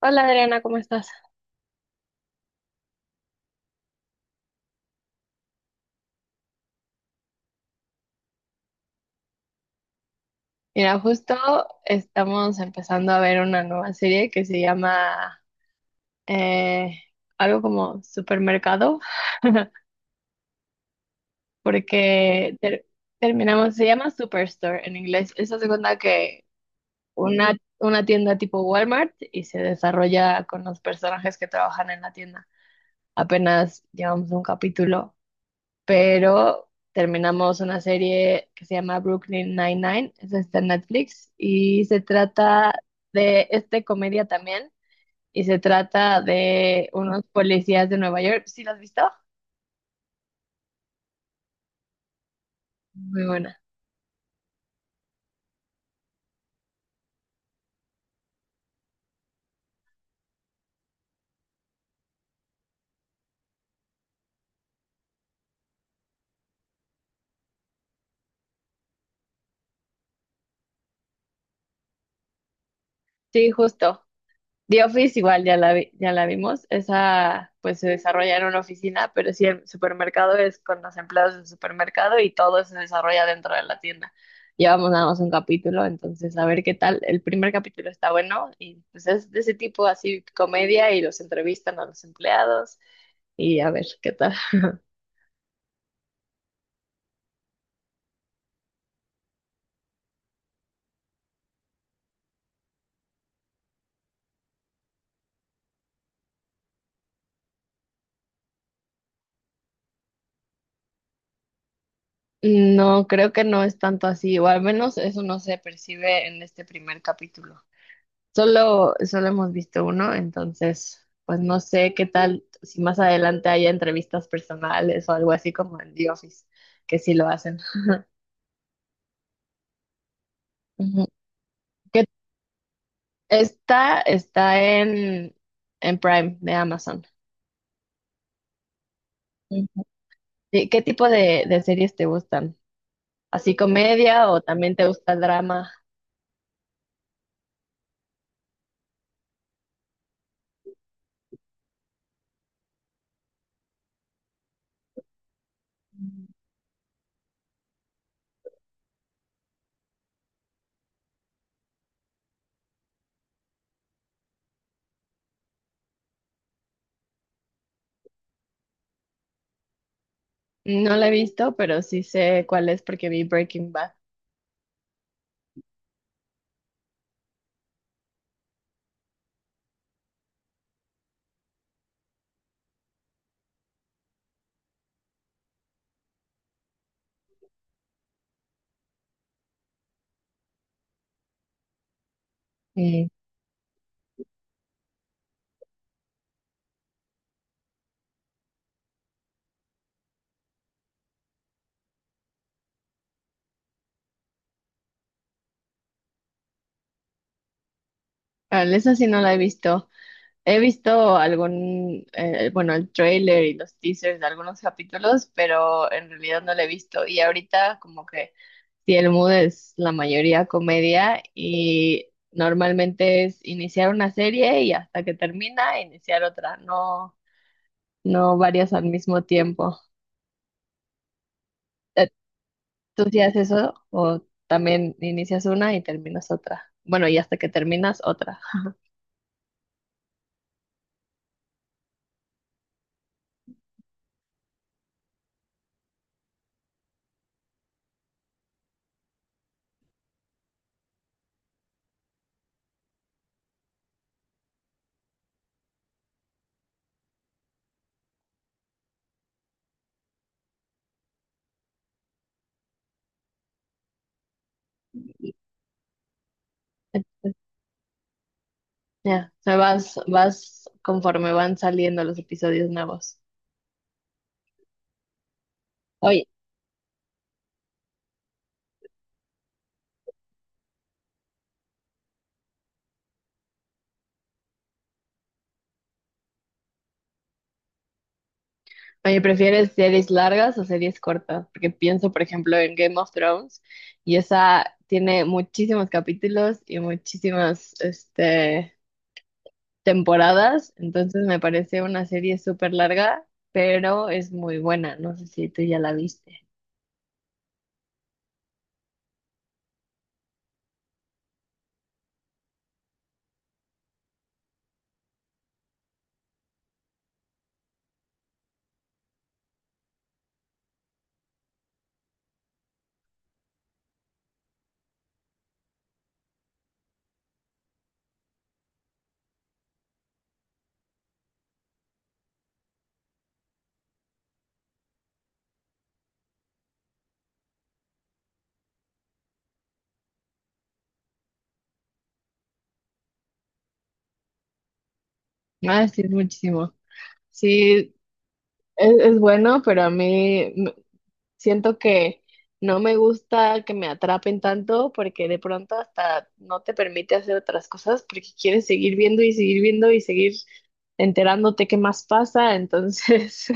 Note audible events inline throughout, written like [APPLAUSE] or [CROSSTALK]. Hola Adriana, ¿cómo estás? Mira, justo estamos empezando a ver una nueva serie que se llama eh, algo como Supermercado, porque terminamos, se llama Superstore en inglés. Eso hace cuenta que una tienda tipo Walmart y se desarrolla con los personajes que trabajan en la tienda. Apenas llevamos un capítulo. Pero terminamos una serie que se llama Brooklyn Nine-Nine, esa está en Netflix, y se trata de, este comedia también, y se trata de unos policías de Nueva York. ¿Sí la has visto? Muy buena. Sí, justo. The Office igual ya la ya la vimos. Esa pues se desarrolla en una oficina, pero sí el supermercado es con los empleados del supermercado y todo se desarrolla dentro de la tienda. Llevamos nada más un capítulo, entonces a ver qué tal. El primer capítulo está bueno y pues es de ese tipo así comedia y los entrevistan a los empleados y a ver qué tal. No, creo que no es tanto así, o al menos eso no se percibe en este primer capítulo. Solo hemos visto uno, entonces, pues no sé qué tal si más adelante haya entrevistas personales o algo así como en The Office, que sí lo hacen. Ujú. Que está en Prime de Amazon. Ujú. ¿Y ¿Qué tipo de series te gustan? ¿Así comedia o también te gusta el drama? Mm. No la he visto, pero sí sé cuál es porque vi Breaking Bad. Mm. Ah, esa sí no la he visto. He visto algún, bueno, el trailer y los teasers de algunos capítulos, pero en realidad no lo he visto. Y ahorita como que si el mood es la mayoría comedia y normalmente es iniciar una serie y hasta que termina iniciar otra, no, no varias al mismo tiempo. Eh, ¿Tú sí haces eso o también inicias una y terminas otra? Bueno, y hasta que terminas otra. Entonces, ya, o sea, vas conforme van saliendo los episodios nuevos. Oye, oye, ¿prefieres series largas o series cortas? Porque pienso, por ejemplo, en Game of Thrones y esa tiene muchísimos capítulos y muchísimas, este, temporadas, entonces me parece una serie súper larga, pero es muy buena. No sé si tú ya la viste. Ah, sí, es muchísimo. Sí, es bueno, pero a mí siento que no me gusta que me atrapen tanto porque de pronto hasta no te permite hacer otras cosas porque quieres seguir viendo y seguir viendo y seguir enterándote qué más pasa. Entonces, [LAUGHS] sí,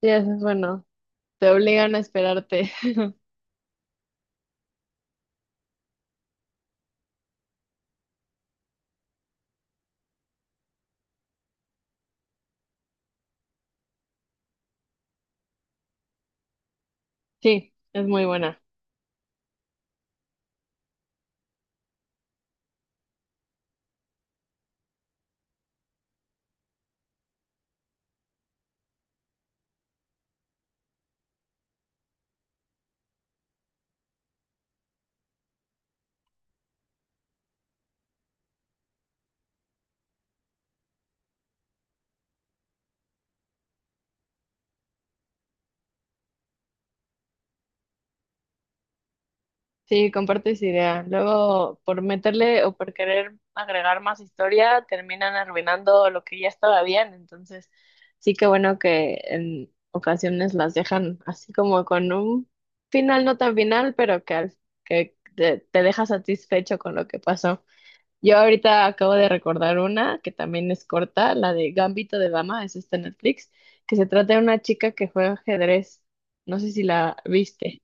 es bueno, te obligan a esperarte. [LAUGHS] Sí, es muy buena. Sí, comparto esa idea. Luego, por meterle o por querer agregar más historia, terminan arruinando lo que ya estaba bien. Entonces, sí que bueno que en ocasiones las dejan así como con un final no tan final, pero que que te deja satisfecho con lo que pasó. Yo ahorita acabo de recordar una que también es corta, la de Gambito de Dama, es esta en Netflix, que se trata de una chica que juega ajedrez. No sé si la viste.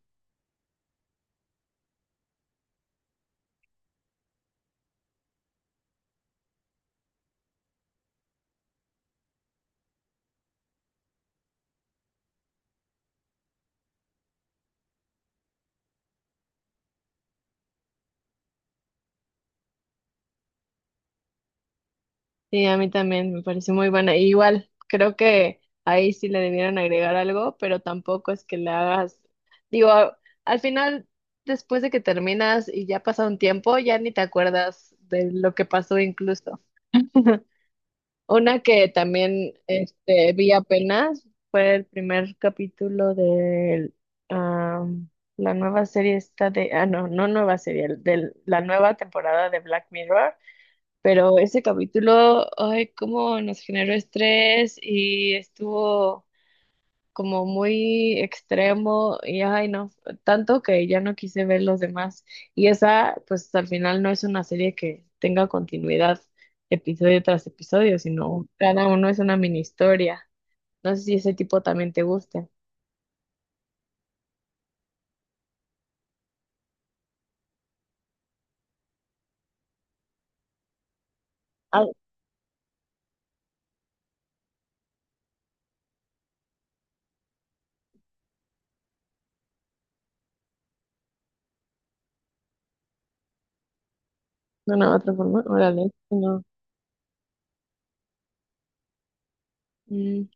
Sí, a mí también me pareció muy buena. Y igual, creo que ahí sí le debieron agregar algo, pero tampoco es que le hagas, digo, a- al final, después de que terminas y ya pasa un tiempo, ya ni te acuerdas de lo que pasó incluso. [LAUGHS] Una que también este, vi apenas fue el primer capítulo de la nueva serie esta de, ah, no, no nueva serie, de la nueva temporada de Black Mirror. Pero ese capítulo, ay, cómo nos generó estrés y estuvo como muy extremo y ay, no, tanto que ya no quise ver los demás. Y esa, pues al final no es una serie que tenga continuidad episodio tras episodio, sino cada uno es una mini historia. No sé si ese tipo también te guste. Ah, bueno, de una u otra forma, órale, si no. Mm.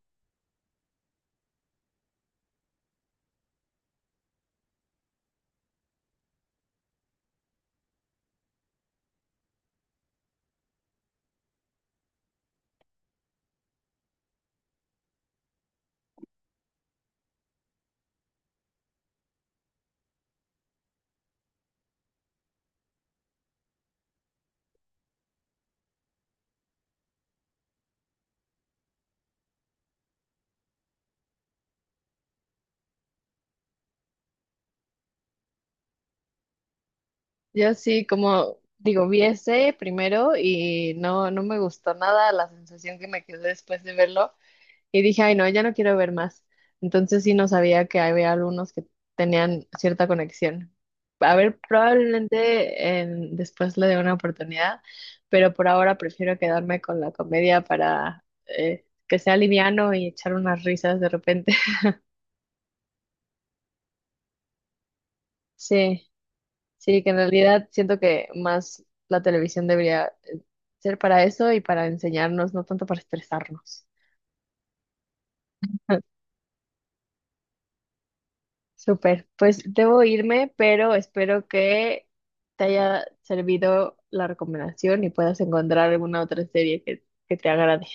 Yo sí, como digo, vi ese primero y no, no me gustó nada la sensación que me quedó después de verlo y dije, ay, no, ya no quiero ver más. Entonces sí no sabía que había algunos que tenían cierta conexión. A ver, probablemente en- después le dé una oportunidad, pero por ahora prefiero quedarme con la comedia para que sea liviano y echar unas risas de repente. [LAUGHS] Sí. Sí, que en realidad siento que más la televisión debería ser para eso y para enseñarnos, no tanto para estresarnos. [LAUGHS] Súper, pues debo irme, pero espero que te haya servido la recomendación y puedas encontrar alguna otra serie que te agrade.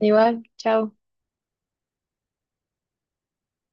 Igual, chao.